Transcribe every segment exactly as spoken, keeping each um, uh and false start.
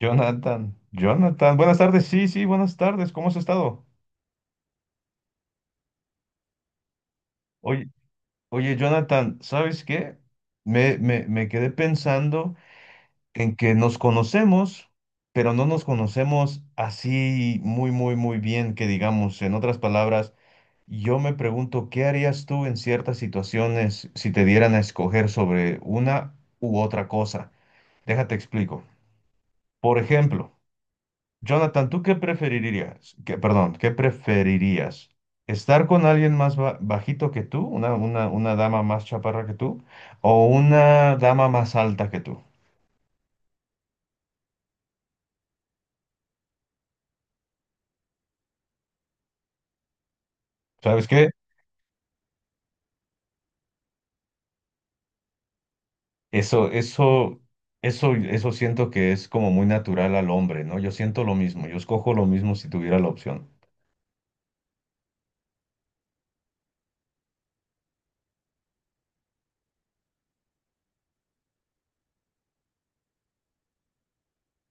Jonathan, Jonathan, buenas tardes, sí, sí, buenas tardes, ¿cómo has estado? Oye, oye, Jonathan, ¿sabes qué? Me, me, me quedé pensando en que nos conocemos, pero no nos conocemos así muy, muy, muy bien, que digamos. En otras palabras, yo me pregunto, ¿qué harías tú en ciertas situaciones si te dieran a escoger sobre una u otra cosa? Déjate explico. Por ejemplo, Jonathan, ¿tú qué preferirías? Que, perdón, ¿qué preferirías? ¿Estar con alguien más ba- bajito que tú, una, una, una dama más chaparra que tú, o una dama más alta que tú? ¿Sabes qué? Eso, eso, eso, eso siento que es como muy natural al hombre, ¿no? Yo siento lo mismo, yo escojo lo mismo si tuviera la opción.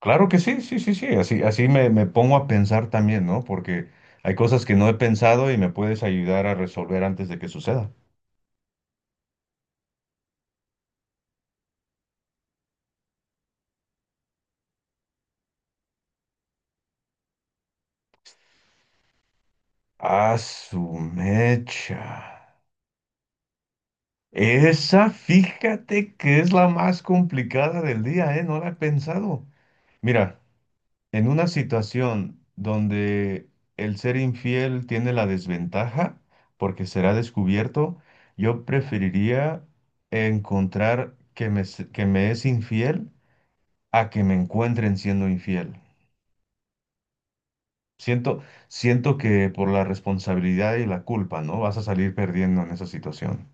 Claro que sí, sí, sí, sí, así, así me, me pongo a pensar también, ¿no? Porque hay cosas que no he pensado y me puedes ayudar a resolver antes de que suceda. Ah, su mecha. Esa, fíjate que es la más complicada del día, ¿eh? No la he pensado. Mira, en una situación donde el ser infiel tiene la desventaja porque será descubierto, yo preferiría encontrar que me, se- que me es infiel a que me encuentren siendo infiel. Siento, Siento que por la responsabilidad y la culpa, ¿no? Vas a salir perdiendo en esa situación.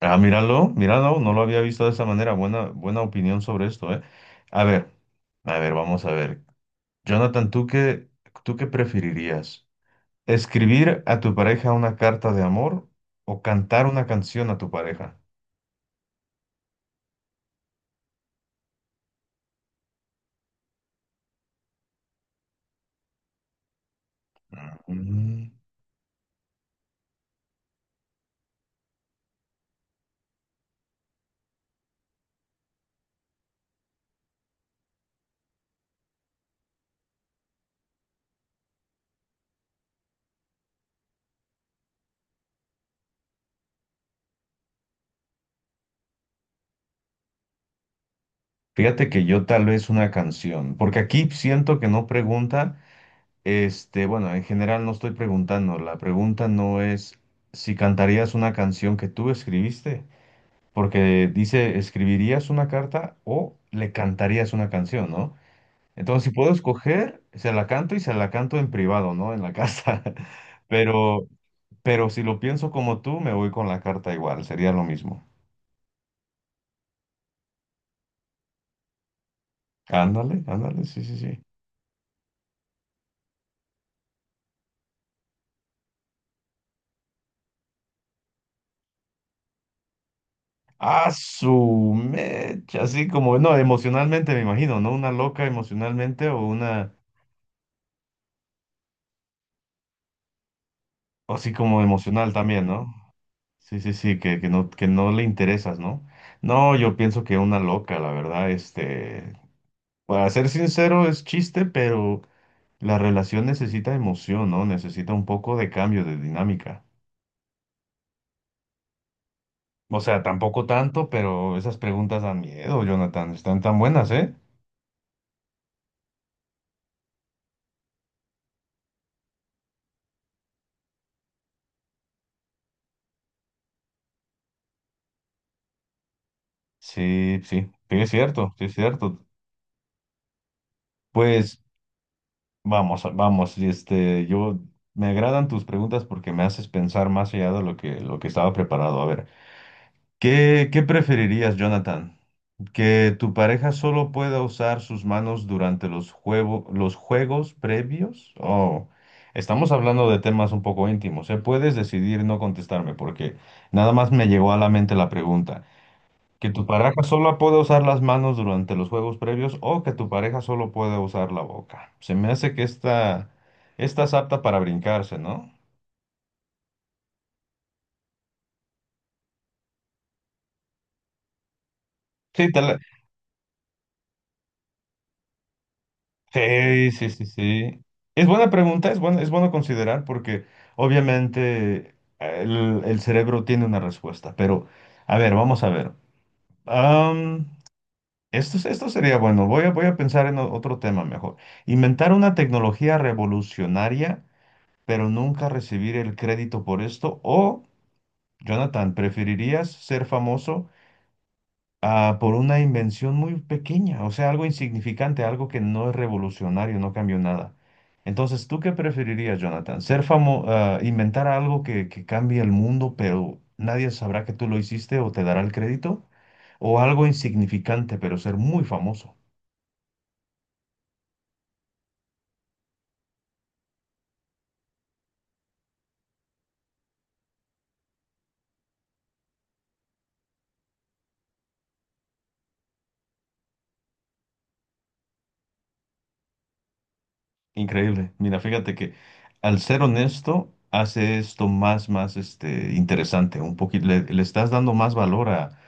Ah, míralo, míralo, no lo había visto de esa manera. Buena, buena opinión sobre esto, ¿eh? A ver, a ver, vamos a ver. Jonathan, ¿tú qué, ¿tú qué preferirías? ¿Escribir a tu pareja una carta de amor o cantar una canción a tu pareja? Mm, Fíjate que yo tal vez una canción, porque aquí siento que no pregunta, este, bueno, en general no estoy preguntando, la pregunta no es si cantarías una canción que tú escribiste porque dice, ¿escribirías una carta o le cantarías una canción, ¿no? Entonces, si puedo escoger, se la canto y se la canto en privado, ¿no? En la casa. Pero, pero si lo pienso como tú, me voy con la carta, igual sería lo mismo. Ándale, ándale, sí, sí, sí. A su mecha, así como, no, emocionalmente me imagino, ¿no? Una loca emocionalmente o una, o así como emocional también, ¿no? Sí, sí, sí, que, que no, que no le interesas, ¿no? No, yo pienso que una loca, la verdad, este, para ser sincero, es chiste, pero la relación necesita emoción, ¿no? Necesita un poco de cambio, de dinámica. O sea, tampoco tanto, pero esas preguntas dan miedo, Jonathan, están tan buenas, ¿eh? Sí, sí, sí, es cierto, sí, es cierto. Pues vamos, vamos, y este, yo, me agradan tus preguntas porque me haces pensar más allá de lo que, lo que estaba preparado. A ver, ¿qué, qué preferirías, Jonathan? Que tu pareja solo pueda usar sus manos durante los juego- los juegos previos. Oh, estamos hablando de temas un poco íntimos, ¿eh? Puedes decidir no contestarme porque nada más me llegó a la mente la pregunta. Que tu pareja solo pueda usar las manos durante los juegos previos o que tu pareja solo pueda usar la boca. Se me hace que esta, esta es apta para brincarse, ¿no? Sí, te la- Sí, sí, sí, sí. Es buena pregunta, es bueno, es bueno considerar porque obviamente el, el cerebro tiene una respuesta, pero a ver, vamos a ver. Am, esto, esto sería bueno, voy a, voy a pensar en o- otro tema mejor. Inventar una tecnología revolucionaria, pero nunca recibir el crédito por esto. O, Jonathan, ¿preferirías ser famoso? Ah, por una invención muy pequeña, o sea, algo insignificante, algo que no es revolucionario, no cambió nada. Entonces, ¿tú qué preferirías, Jonathan? ¿Ser famoso, inventar algo que, que cambie el mundo, pero nadie sabrá que tú lo hiciste o te dará el crédito? ¿O algo insignificante, pero ser muy famoso? Increíble. Mira, fíjate que al ser honesto, hace esto más, más, este, interesante, un poquito, le le estás dando más valor a,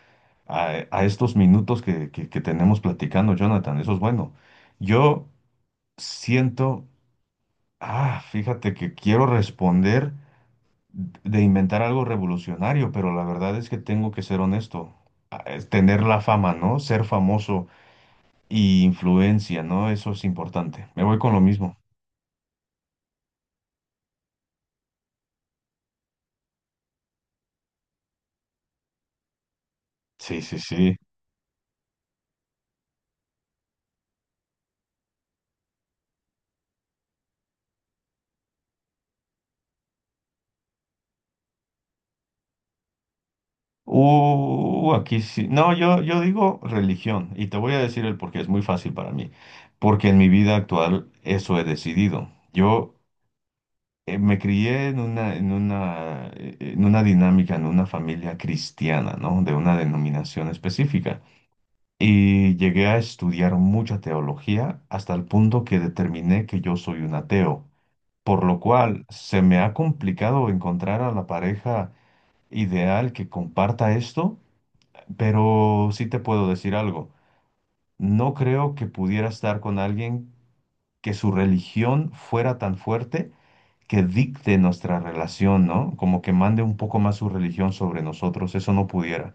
a estos minutos que, que- que tenemos platicando, Jonathan. Eso es bueno. Yo siento, ah, fíjate que quiero responder de inventar algo revolucionario, pero la verdad es que tengo que ser honesto. Ah, es tener la fama, ¿no? Ser famoso y influencia, ¿no? Eso es importante. Me voy con lo mismo. Sí, sí, sí. Uh, aquí sí. No, yo, yo digo religión y te voy a decir el porqué. Es muy fácil para mí, porque en mi vida actual eso he decidido. Yo eh, me crié en una, en una, eh, eh, en una dinámica, en una familia cristiana, ¿no? De una denominación específica. Y llegué a estudiar mucha teología hasta el punto que determiné que yo soy un ateo, por lo cual se me ha complicado encontrar a la pareja ideal que comparta esto, pero sí te puedo decir algo. No creo que pudiera estar con alguien que su religión fuera tan fuerte que dicte nuestra relación, ¿no? Como que mande un poco más su religión sobre nosotros, eso no pudiera.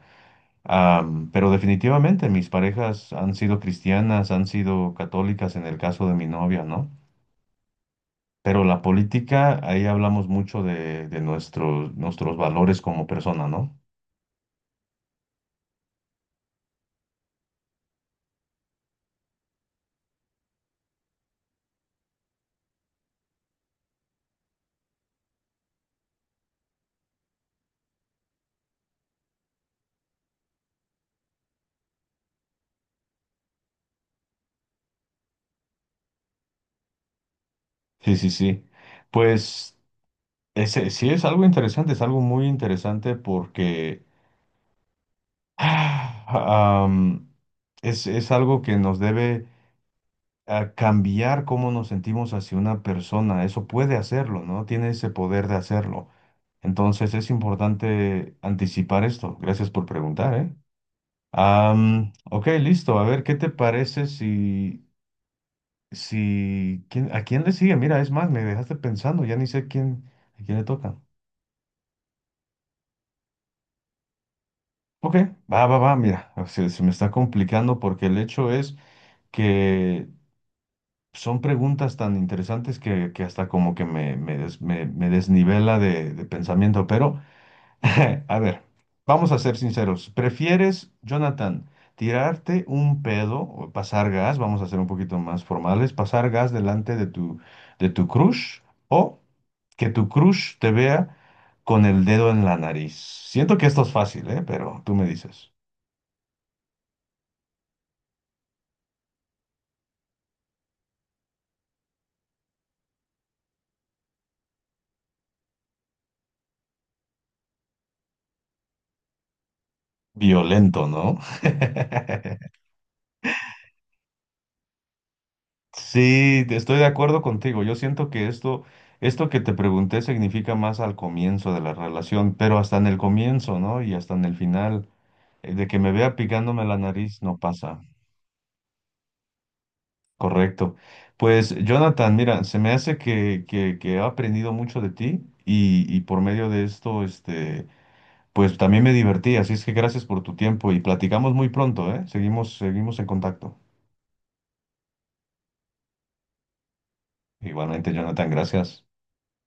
Am, pero definitivamente mis parejas han sido cristianas, han sido católicas en el caso de mi novia, ¿no? Pero la política, ahí hablamos mucho de, de nuestros, nuestros valores como persona, ¿no? Sí, sí, sí. Pues ese, sí es algo interesante, es algo muy interesante porque ah, am, es, es algo que nos debe a cambiar cómo nos sentimos hacia una persona. Eso puede hacerlo, ¿no? Tiene ese poder de hacerlo. Entonces es importante anticipar esto. Gracias por preguntar, ¿eh? Am, ok, listo. A ver, ¿qué te parece si, si, ¿quién- a quién le sigue? Mira, es más, me dejaste pensando, ya ni sé quién, a quién le toca. Ok, va, va, va, mira, se, se me está complicando porque el hecho es que son preguntas tan interesantes que, que hasta como que me, me, des- me- me desnivela de, de pensamiento, pero a ver, vamos a ser sinceros. ¿Prefieres, Jonathan, tirarte un pedo o pasar gas? Vamos a ser un poquito más formales, pasar gas delante de tu, de tu crush o que tu crush te vea con el dedo en la nariz. Siento que esto es fácil, ¿eh? Pero tú me dices. Violento, ¿no? Sí, te- estoy de acuerdo contigo. Yo siento que esto, esto que te pregunté significa más al comienzo de la relación, pero hasta en el comienzo, ¿no? Y hasta en el final, eh, de que me vea picándome la nariz, no pasa. Correcto. Pues, Jonathan, mira, se me hace que, que, que he aprendido mucho de ti y, y por medio de esto, este, pues también me divertí. Así es que gracias por tu tiempo y platicamos muy pronto, ¿eh? Seguimos, seguimos en contacto. Igualmente, Jonathan, gracias.